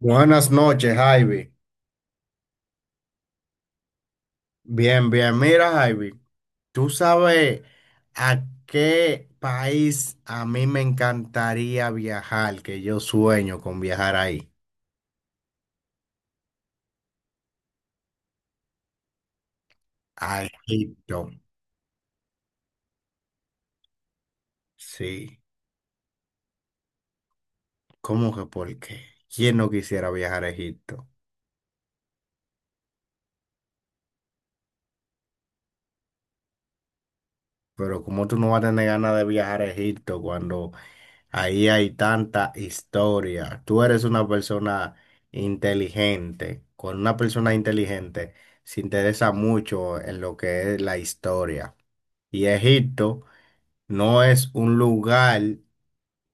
Buenas noches, Javi. Bien, bien. Mira, Javi, ¿tú sabes a qué país a mí me encantaría viajar? Que yo sueño con viajar ahí. A Egipto. Sí. ¿Cómo que por qué? ¿Quién no quisiera viajar a Egipto? Pero como tú no vas a tener ganas de viajar a Egipto cuando ahí hay tanta historia? Tú eres una persona inteligente. Con una persona inteligente se interesa mucho en lo que es la historia. Y Egipto no es un lugar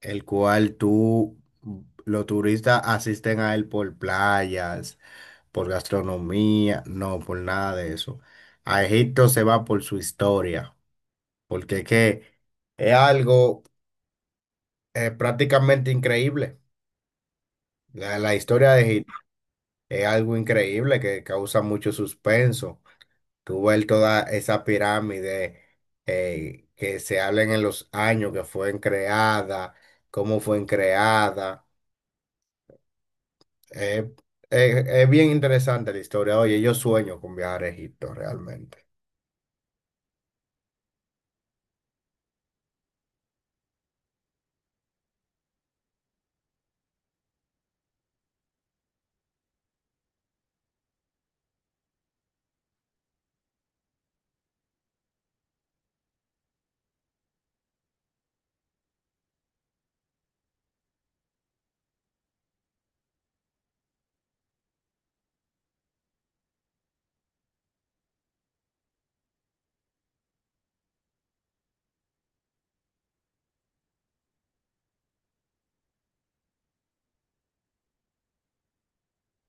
el cual tú, los turistas asisten a él por playas, por gastronomía, no, por nada de eso. A Egipto se va por su historia, porque es que es algo prácticamente increíble. La historia de Egipto es algo increíble que causa mucho suspenso. Tú ves toda esa pirámide que se habla en los años que fue creada, cómo fue creada. Eh, es bien interesante la historia. Oye, yo sueño con viajar a Egipto realmente.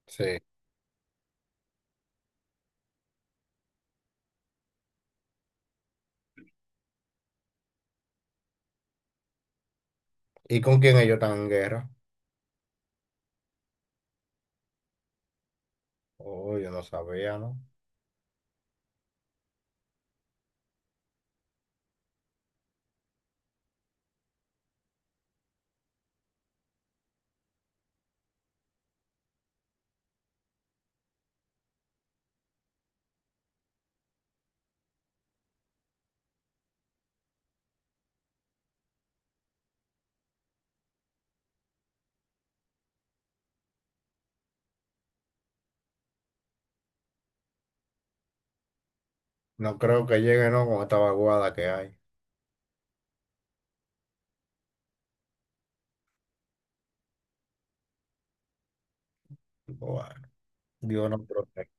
Sí. ¿Y con quién ellos están en guerra? Oh, yo no sabía, ¿no? No creo que llegue, ¿no? Con esta vaguada que hay. Bueno, Dios nos protege.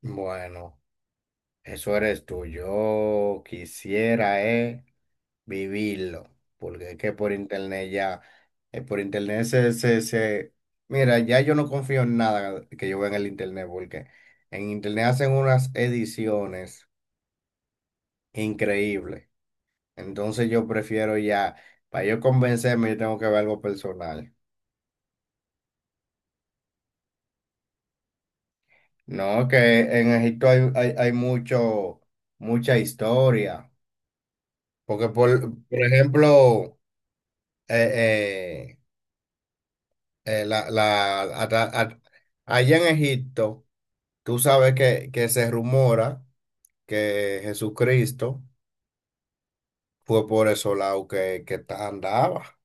Bueno, eso eres tú. Yo quisiera vivirlo, porque es que por internet ya, por internet se, se, se- mira, ya yo no confío en nada que yo vea en el internet, porque en internet hacen unas ediciones increíbles. Entonces yo prefiero ya, para yo convencerme, yo tengo que ver algo personal. No, que en Egipto hay, hay mucho, mucha historia. Porque, por ejemplo, eh, eh, eh, la, la- ata- at- allá en Egipto, tú sabes que se rumora que Jesucristo fue por esos lados que, andaba.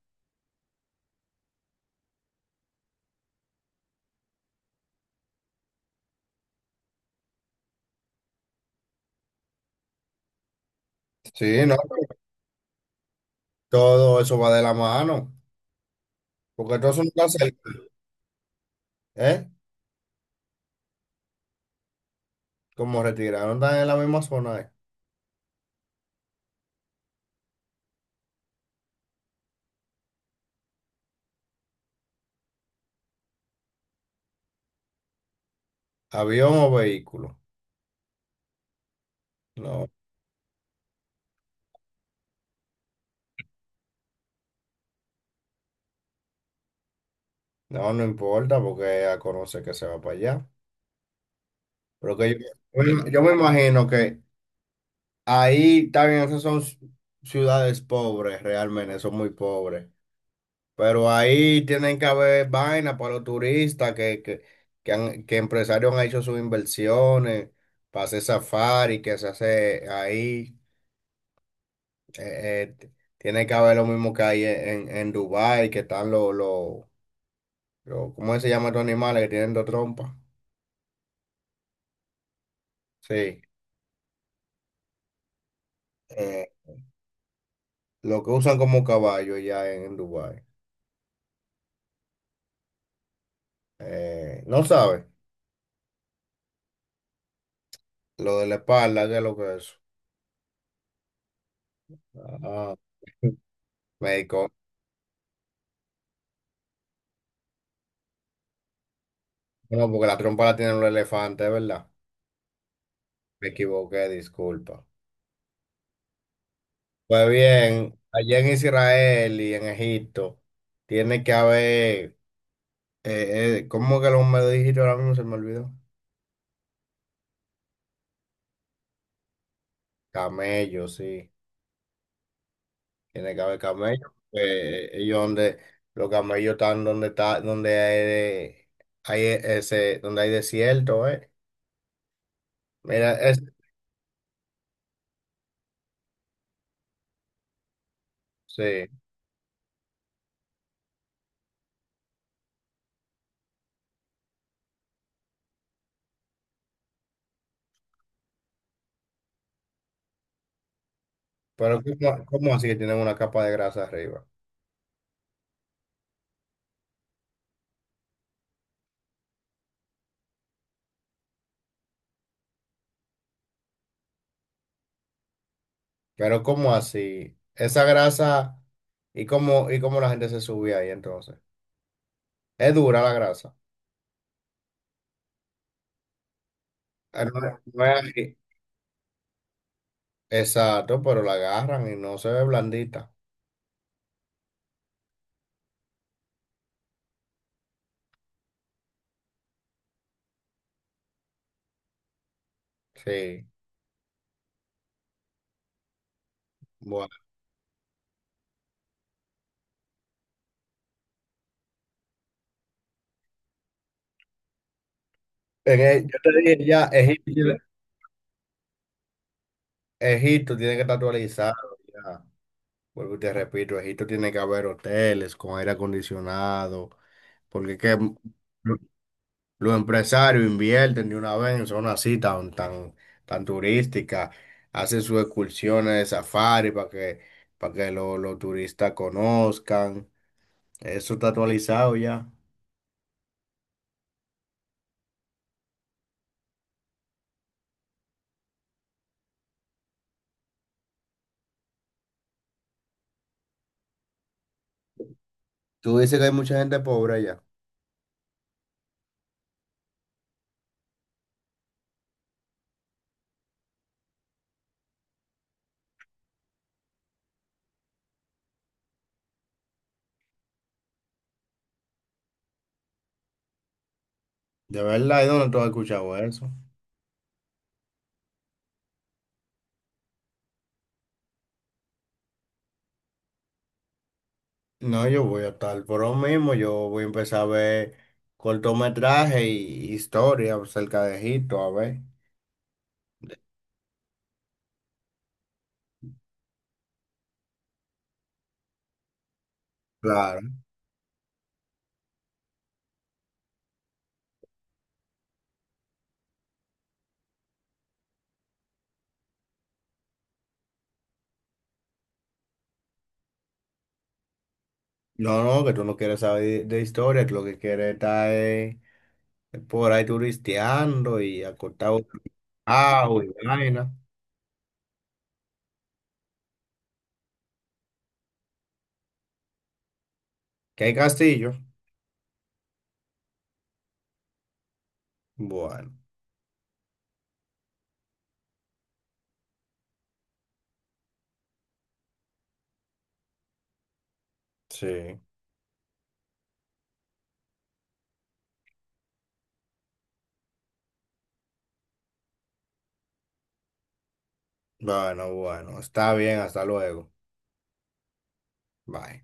Sí, ¿no? Todo eso va de la mano. Porque todos son tan cerca, ¿eh? Como retiraron, están en la misma zona. ¿Eh? Avión o vehículo. No, no importa porque a conocer que se va para allá. Pero que yo me imagino que ahí también esas son ciudades pobres, realmente, son muy pobres. Pero ahí tienen que haber vaina para los turistas que empresarios han hecho sus inversiones para hacer safari, que se hace ahí. Eh, eh, tiene que haber lo mismo que hay en Dubái, que están ¿cómo se llaman estos animales que tienen dos trompas? Sí, eh, lo que usan como caballo ya en Dubái. No sabe, lo de la espalda, ¿qué es lo que es? Ah, me equivoqué. No, porque la trompa la tienen los elefantes, ¿verdad? Me equivoqué, disculpa. Pues bien, allá en Israel y en Egipto tiene que haber, ¿cómo que lo me dijiste ahora mismo? Se me olvidó. Camellos, sí. Tiene que haber camellos. Ellos donde, los camellos están donde está, donde hay ese, donde hay desierto, ¿eh? Mira, es, sí. Pero ¿cómo, cómo así que tienen una capa de grasa arriba? Pero ¿cómo así? Esa grasa, y cómo la gente se subía ahí entonces? Es dura la grasa. No, no es así. Exacto, pero la agarran y no se ve blandita. Sí, bueno. Yo te dije ya, Egipto tiene que estar actualizado ya. Vuelvo y te repito, Egipto tiene que haber hoteles con aire acondicionado, porque es que los empresarios invierten de una vez en zonas así tan, tan, tan turísticas, hacen sus excursiones de safari para que, los turistas conozcan. Eso está actualizado ya. Tú dices que hay mucha gente pobre allá. De verdad, ¿y dónde tú has escuchado eso? No, yo voy a estar por lo mismo, yo voy a empezar a ver cortometraje y historia acerca de Egipto, a ver. Claro. No, no, que tú no quieres saber de historia, tú lo que quieres está es por ahí turisteando y acostado abajo y vaina. ¿Que hay castillo? Bueno, sí. Bueno, bueno, está bien, hasta luego. Bye.